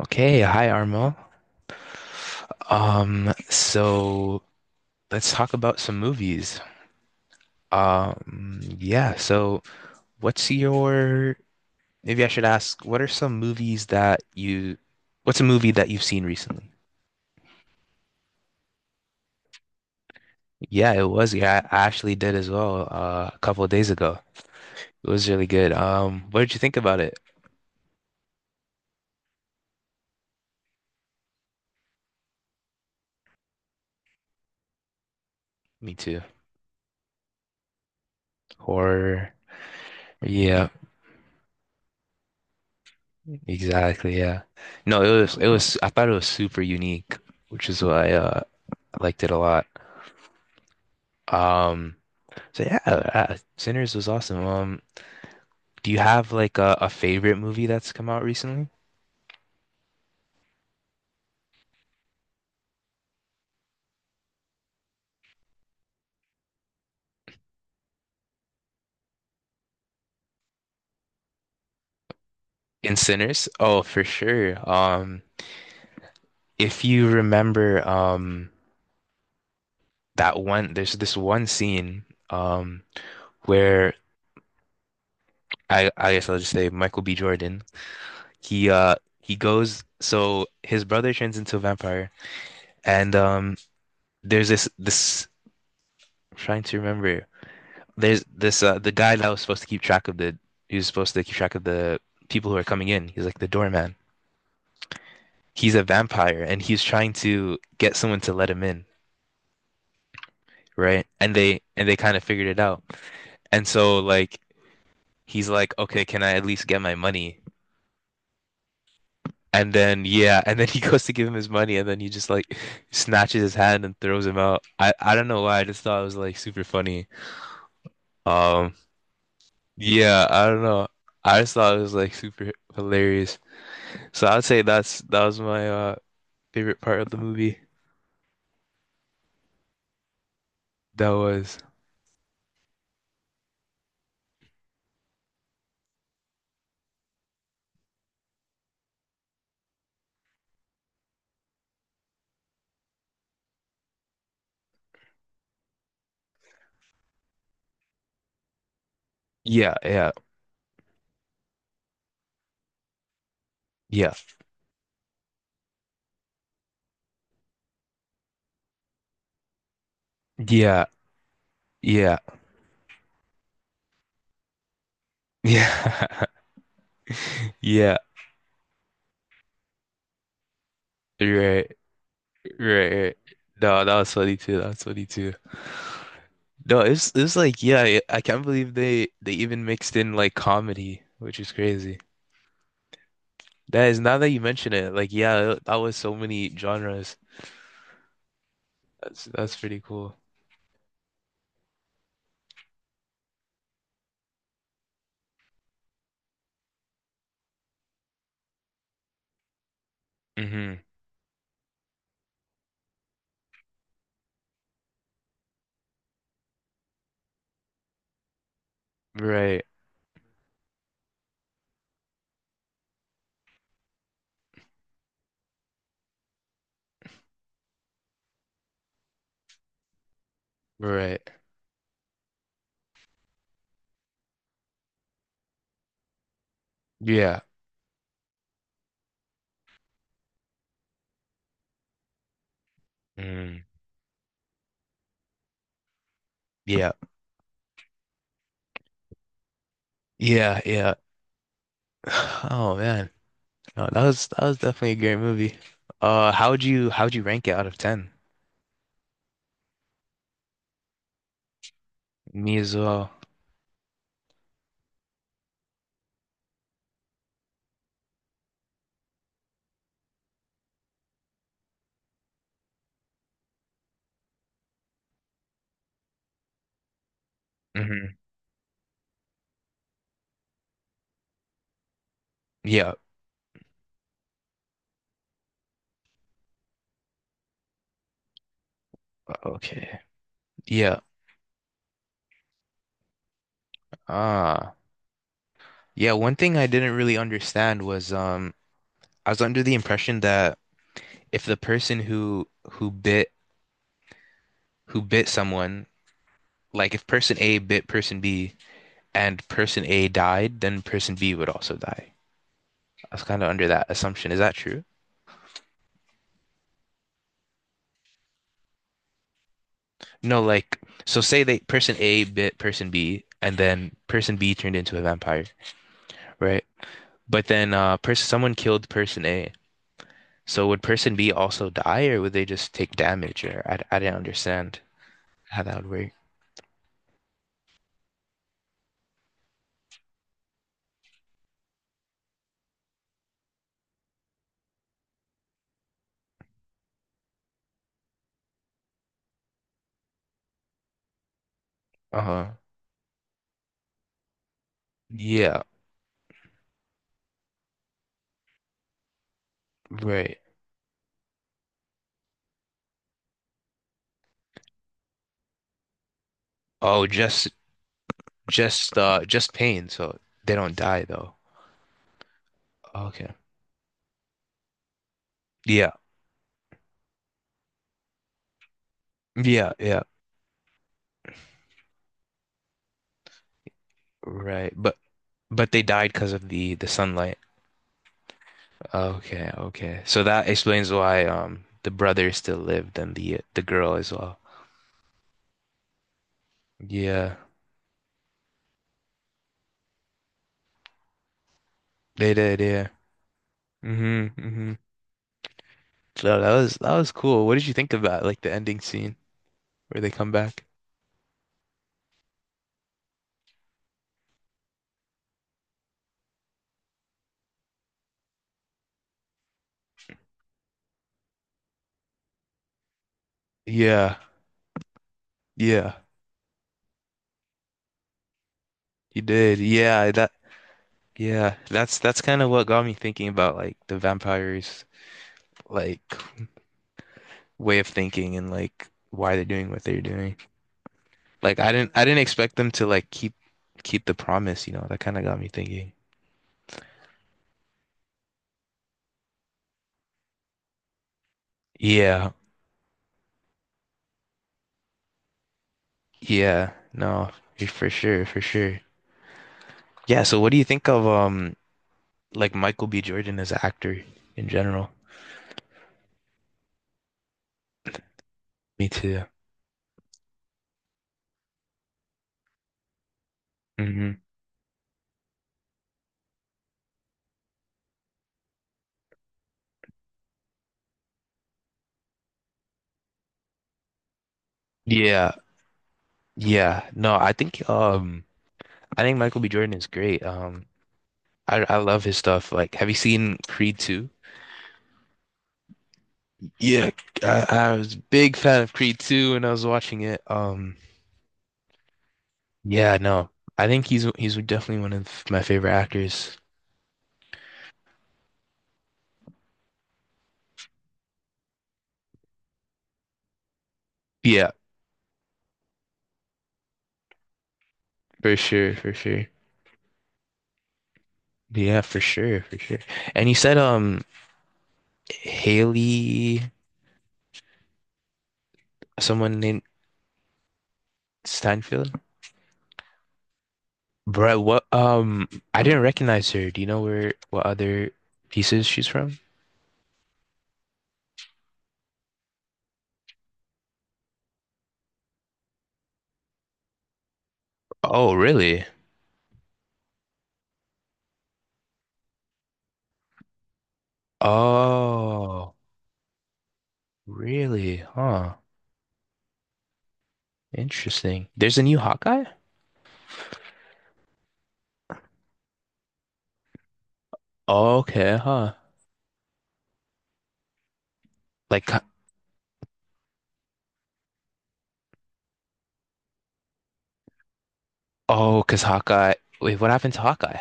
Okay, hi Armo. So let's talk about some movies. Yeah, so what's your, maybe I should ask, what's a movie that you've seen recently? Yeah, it was. Yeah, I actually did as well, a couple of days ago. It was really good. What did you think about it? Me too. Horror. Yeah, exactly. Yeah. No, it was, I thought it was super unique, which is why, I liked it a lot. Um, So yeah, Sinners was awesome. Do you have like a favorite movie that's come out recently? In Sinners? Oh, for sure. If you remember, there's this one scene, um, where I guess I'll just say Michael B. Jordan. He, uh, he goes, so his brother turns into a vampire, and there's this, I'm trying to remember. There's this the guy that was supposed to keep track of the he was supposed to keep track of the people who are coming in. He's like the doorman. He's a vampire and he's trying to get someone to let him in, right? And they kind of figured it out. And so like he's like, "Okay, can I at least get my money?" And then yeah, and then he goes to give him his money and then he just like snatches his hand and throws him out. I don't know why, I just thought it was like super funny. Um yeah, I don't know. I just thought it was like super hilarious. So I'd say that was my favorite part of the movie. That was yeah, yeah, yeah, yeah, yeah, yeah, yeah. Right, right, right. No, that was funny too. That was funny too. No, it's yeah, I can't believe they even mixed in like comedy, which is crazy. That is now that you mention it, like yeah, that was so many genres. That's pretty cool. hmm Right, right. Yeah. Mm. Yeah. Yeah. Yeah. Oh man, no, that was definitely a great movie. How would you rank it out of ten? Me as well. hmm Yeah. Okay. Yeah. Ah. Yeah. One thing I didn't really understand was I was under the impression that if the person who bit someone, like if person A bit person B and person A died, then person B would also die. I was kind of under that assumption. Is that true? No, like so say they person A bit person B and then person B turned into a vampire, right? But then person someone killed person A. So would person B also die or would they just take damage or I didn't understand how that would work. Uh-huh. Yeah, right. Oh, just pain, so they don't die though. Okay. Yeah. Yeah, yeah. Right. But they died because of the sunlight. Okay, okay. So that explains why the brother still lived and the girl as well. Yeah, they did, yeah. Hmm, hmm. So that was cool. What did you think about like the ending scene where they come back? Yeah, yeah. You did. Yeah, that yeah, that's kind of what got me thinking about like the vampires, like way of thinking and like why they're doing what they're doing. Like I didn't expect them to like keep the promise, you know. That kind of got me thinking. Yeah. Yeah, no, for sure, for sure. Yeah, so what do you think of like Michael B. Jordan as an actor in general? Me too. Hmm. Yeah, yeah. No, I think Michael B. Jordan is great. I love his stuff. Like, have you seen Creed 2? Yeah, I was a big fan of Creed 2 when I was watching it. Yeah, no. I think he's definitely one of my favorite actors. Yeah, for sure, for sure. Yeah, for sure, for sure. And you said Haley, someone named Steinfeld. Bruh, what I didn't recognize her. Do you know where what other pieces she's from? Oh, really? Oh, really? Huh. Interesting. There's a new Hawkeye? Okay, huh. Like oh, 'cause Hawkeye. Wait, what happened to Hawkeye?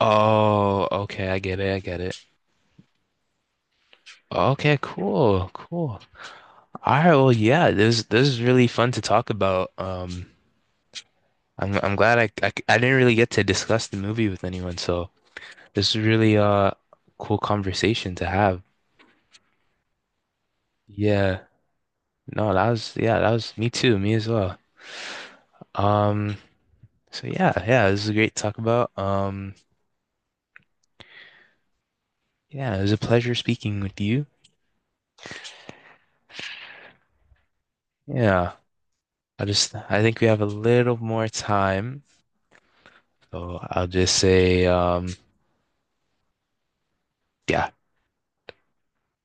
Oh, okay, I get it, I get it. Okay, cool, cool. All right, well, yeah, this is really fun to talk about. I'm glad I didn't really get to discuss the movie with anyone, so this is really cool conversation to have. Yeah. No, that was yeah, that was me too, me as well. Um, so yeah, yeah, this is great to talk about. Yeah, it was a pleasure speaking with you. Yeah. I think we have a little more time, so I'll just say yeah,